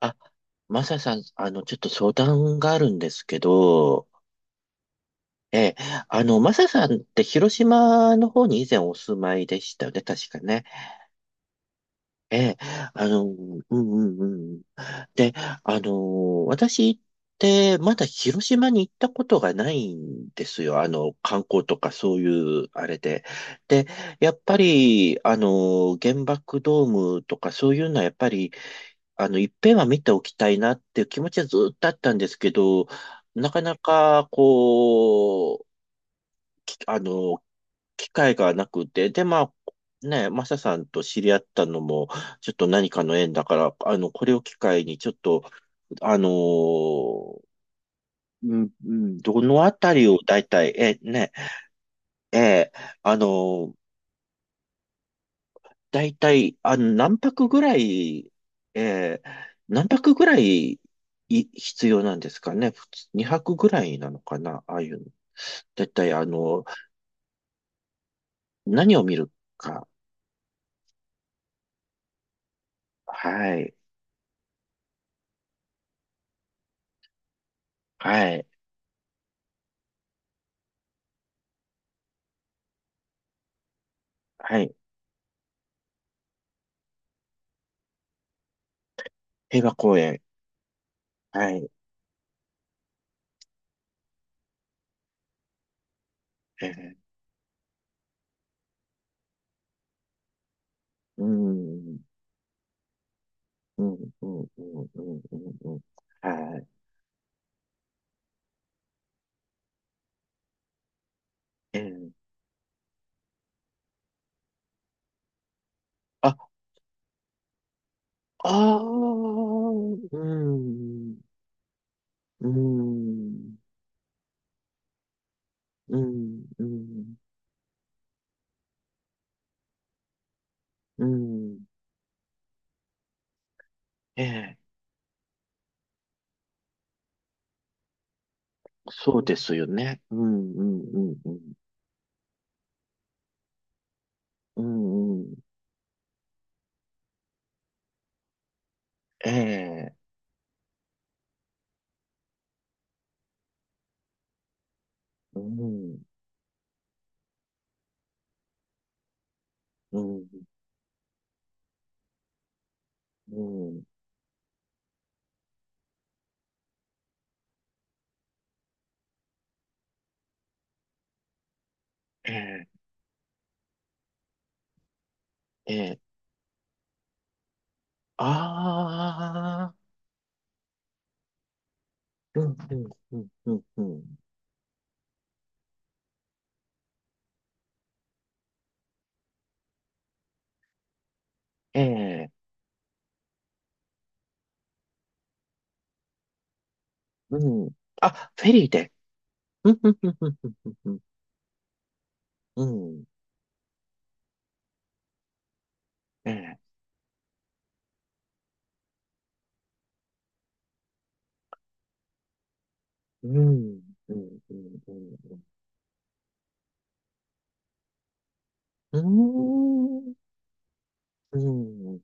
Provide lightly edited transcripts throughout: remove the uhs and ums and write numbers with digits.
あ、マサさん、ちょっと相談があるんですけど、ええ、マサさんって広島の方に以前お住まいでしたよね、確かね。ええ、うんうんうん。で、私ってまだ広島に行ったことがないんですよ。観光とかそういうあれで。で、やっぱり、原爆ドームとかそういうのはやっぱりいっぺんは見ておきたいなっていう気持ちはずっとあったんですけど、なかなか、こう、きあの、機会がなくて、で、まあ、ね、マサさんと知り合ったのも、ちょっと何かの縁だから、これを機会に、ちょっと、あのーうん、うんどのあたりを大体、え、ね、ええあのーだいたい、何泊ぐらい、えー、何泊ぐらい、必要なんですかね。普通、2泊ぐらいなのかな。ああいうの。だいたい、何を見るか。はい。はい。はい。平和公園。はい。えー、ん。うん、うん、うん、うん、うん。うんはい。えー、あ、ああ、うん、うん、うん、うん、うん。ええそうですよね。うん、うん、うん、うん。うん、うん。ええ、うん、うん、うん。ええ、ええ。ああ、うん、うん、うん、うん、うん。ええ、うん。あ、フェリーで。うん、うん、うん、うん、うん。うんうんええ、うん、うん、うん、うん。うーん、うん、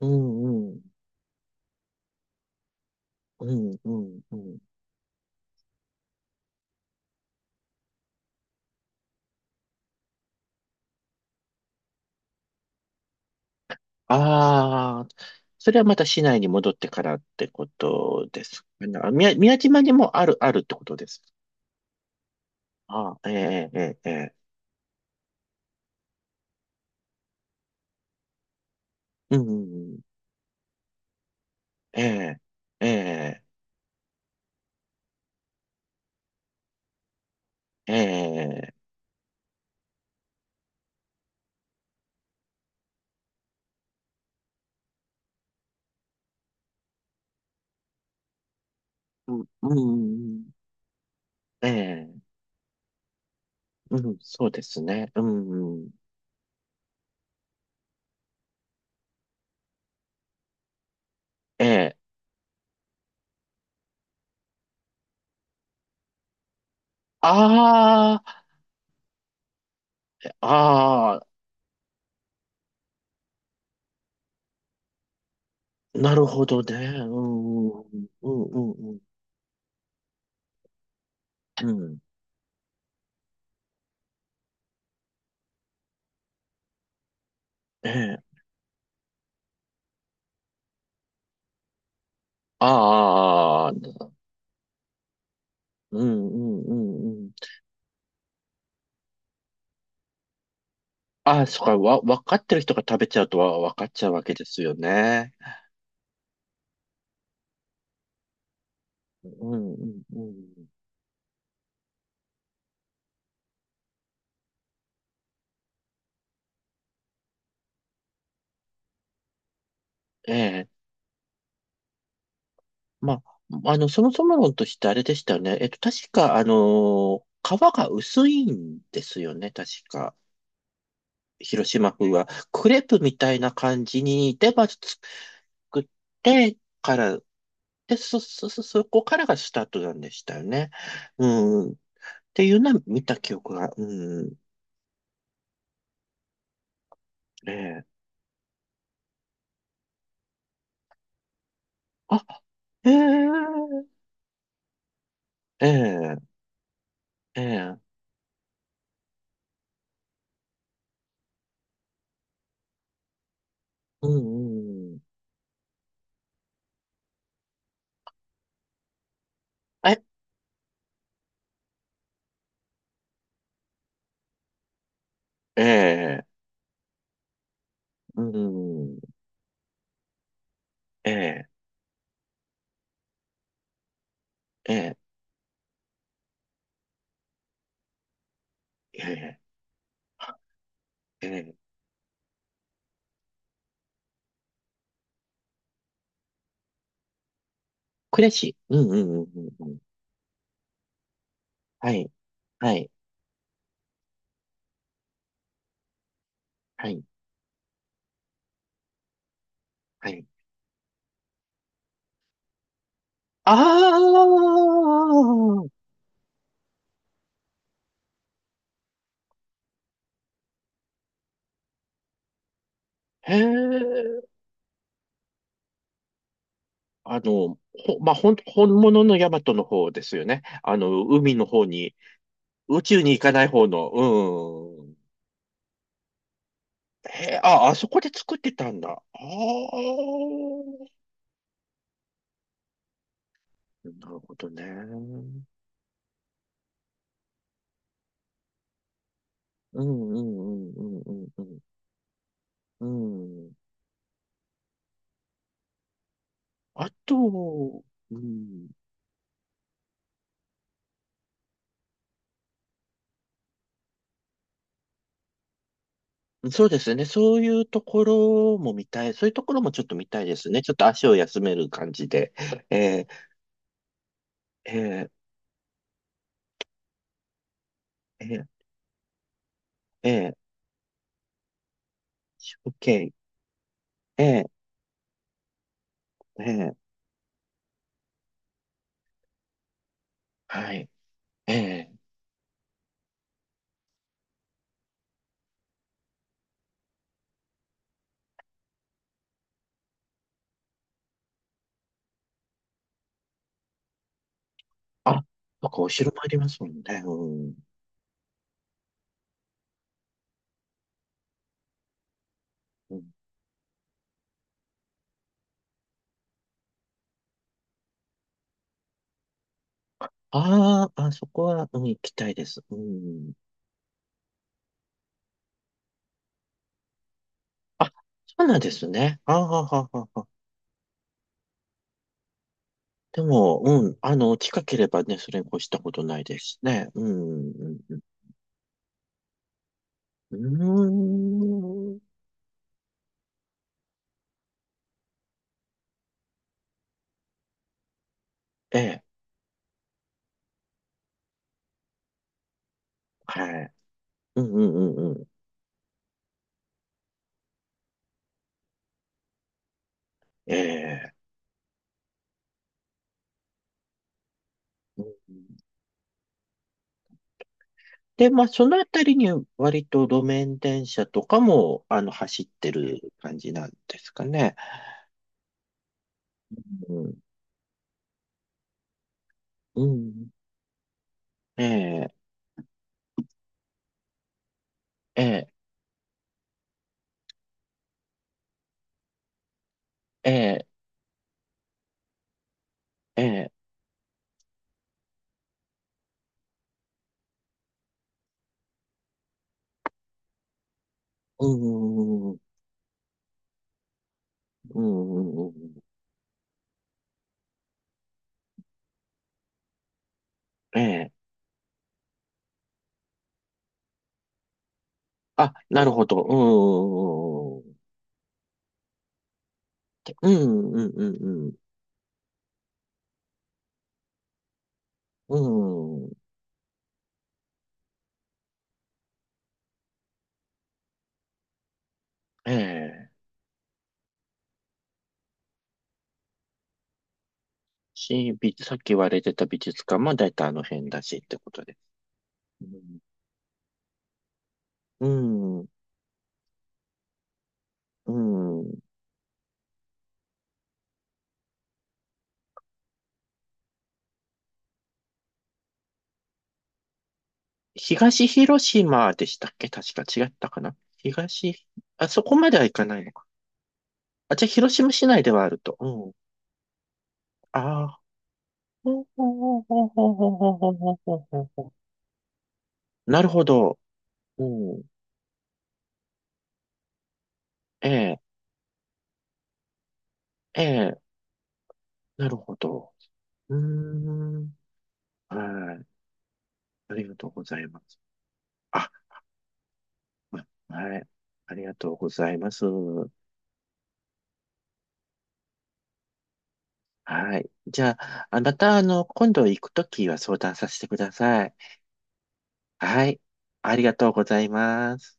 うん、うん、うん、うん、うん。ああ、それはまた市内に戻ってからってことですかね。あ、宮島にもあるってことです。ああ、ええ、ええ、ええ、うん、ええ、ええ、ええ、うん、うんええ、うん、そうですね。うん、ええ、ああ、ああ、なるほどね。うん、うん、うん、うん、うん、ええ、ああ、うん、うん、うん、うん。あ、そっか、分かってる人が食べちゃうとは分かっちゃうわけですよね。うんうんうん。ええ。まあ、そもそも論としてあれでしたよね。確か、皮が薄いんですよね、確か。広島風は。クレープみたいな感じに、で、まず作ってから、で、そこからがスタートなんでしたよね。うん。っていうのは見た記憶が。うん。ええ。あ、ええ、ええ、ええ。うんうんえ、ええ、うんうんええ、ええ、ええ、えしいうんうんうんうんうんはい、はい、はい、はい。ああ、へえ、まあ、本物のヤマトの方ですよね。海の方に、宇宙に行かない方の、うん。へえ、あ、あそこで作ってたんだ。ああ、なるほどね。うんうんうんうんうんうんうん。あと、うん。そうですね。そういうところも見たい。そういうところもちょっと見たいですね。ちょっと足を休める感じで。えー、えー、えー、えー、OK。えー、えー、はい。えー、あ、なんかお城もありますもんね。うん。うんあーあ、そこは、うん、行きたいです。うん。あ、そうなんですね。あーはははは。でも、うん、近ければね、それに越したことないですね。うん、うん、うん。うーん。ええ、はい。うんうんうんうん。ええ。うんで、まあ、そのあたりに割と路面電車とかも、走ってる感じなんですかね。うん。うん。ええ、ええ、ええ、ええ。うんうんうんうんうんうんええ。あ、なるほど。うんうんうんうん。うんうんんうんええ。さっき言われてた美術館も大体あの辺だしってことでうん、うん。うん東広島でしたっけ確か違ったかなあ、そこまでは行かないのか。あ、じゃあ広島市内ではあると。うん。ああ。ほうほうほうほうほうほうほうほうほうほうほうなるほど。うん。ええ、ええ、なるほど。うーん。はい。ありがとうございます。あ、まはい。ありがとうございます。はい。じゃあ、あまた、今度行くときは相談させてください。はい。ありがとうございます。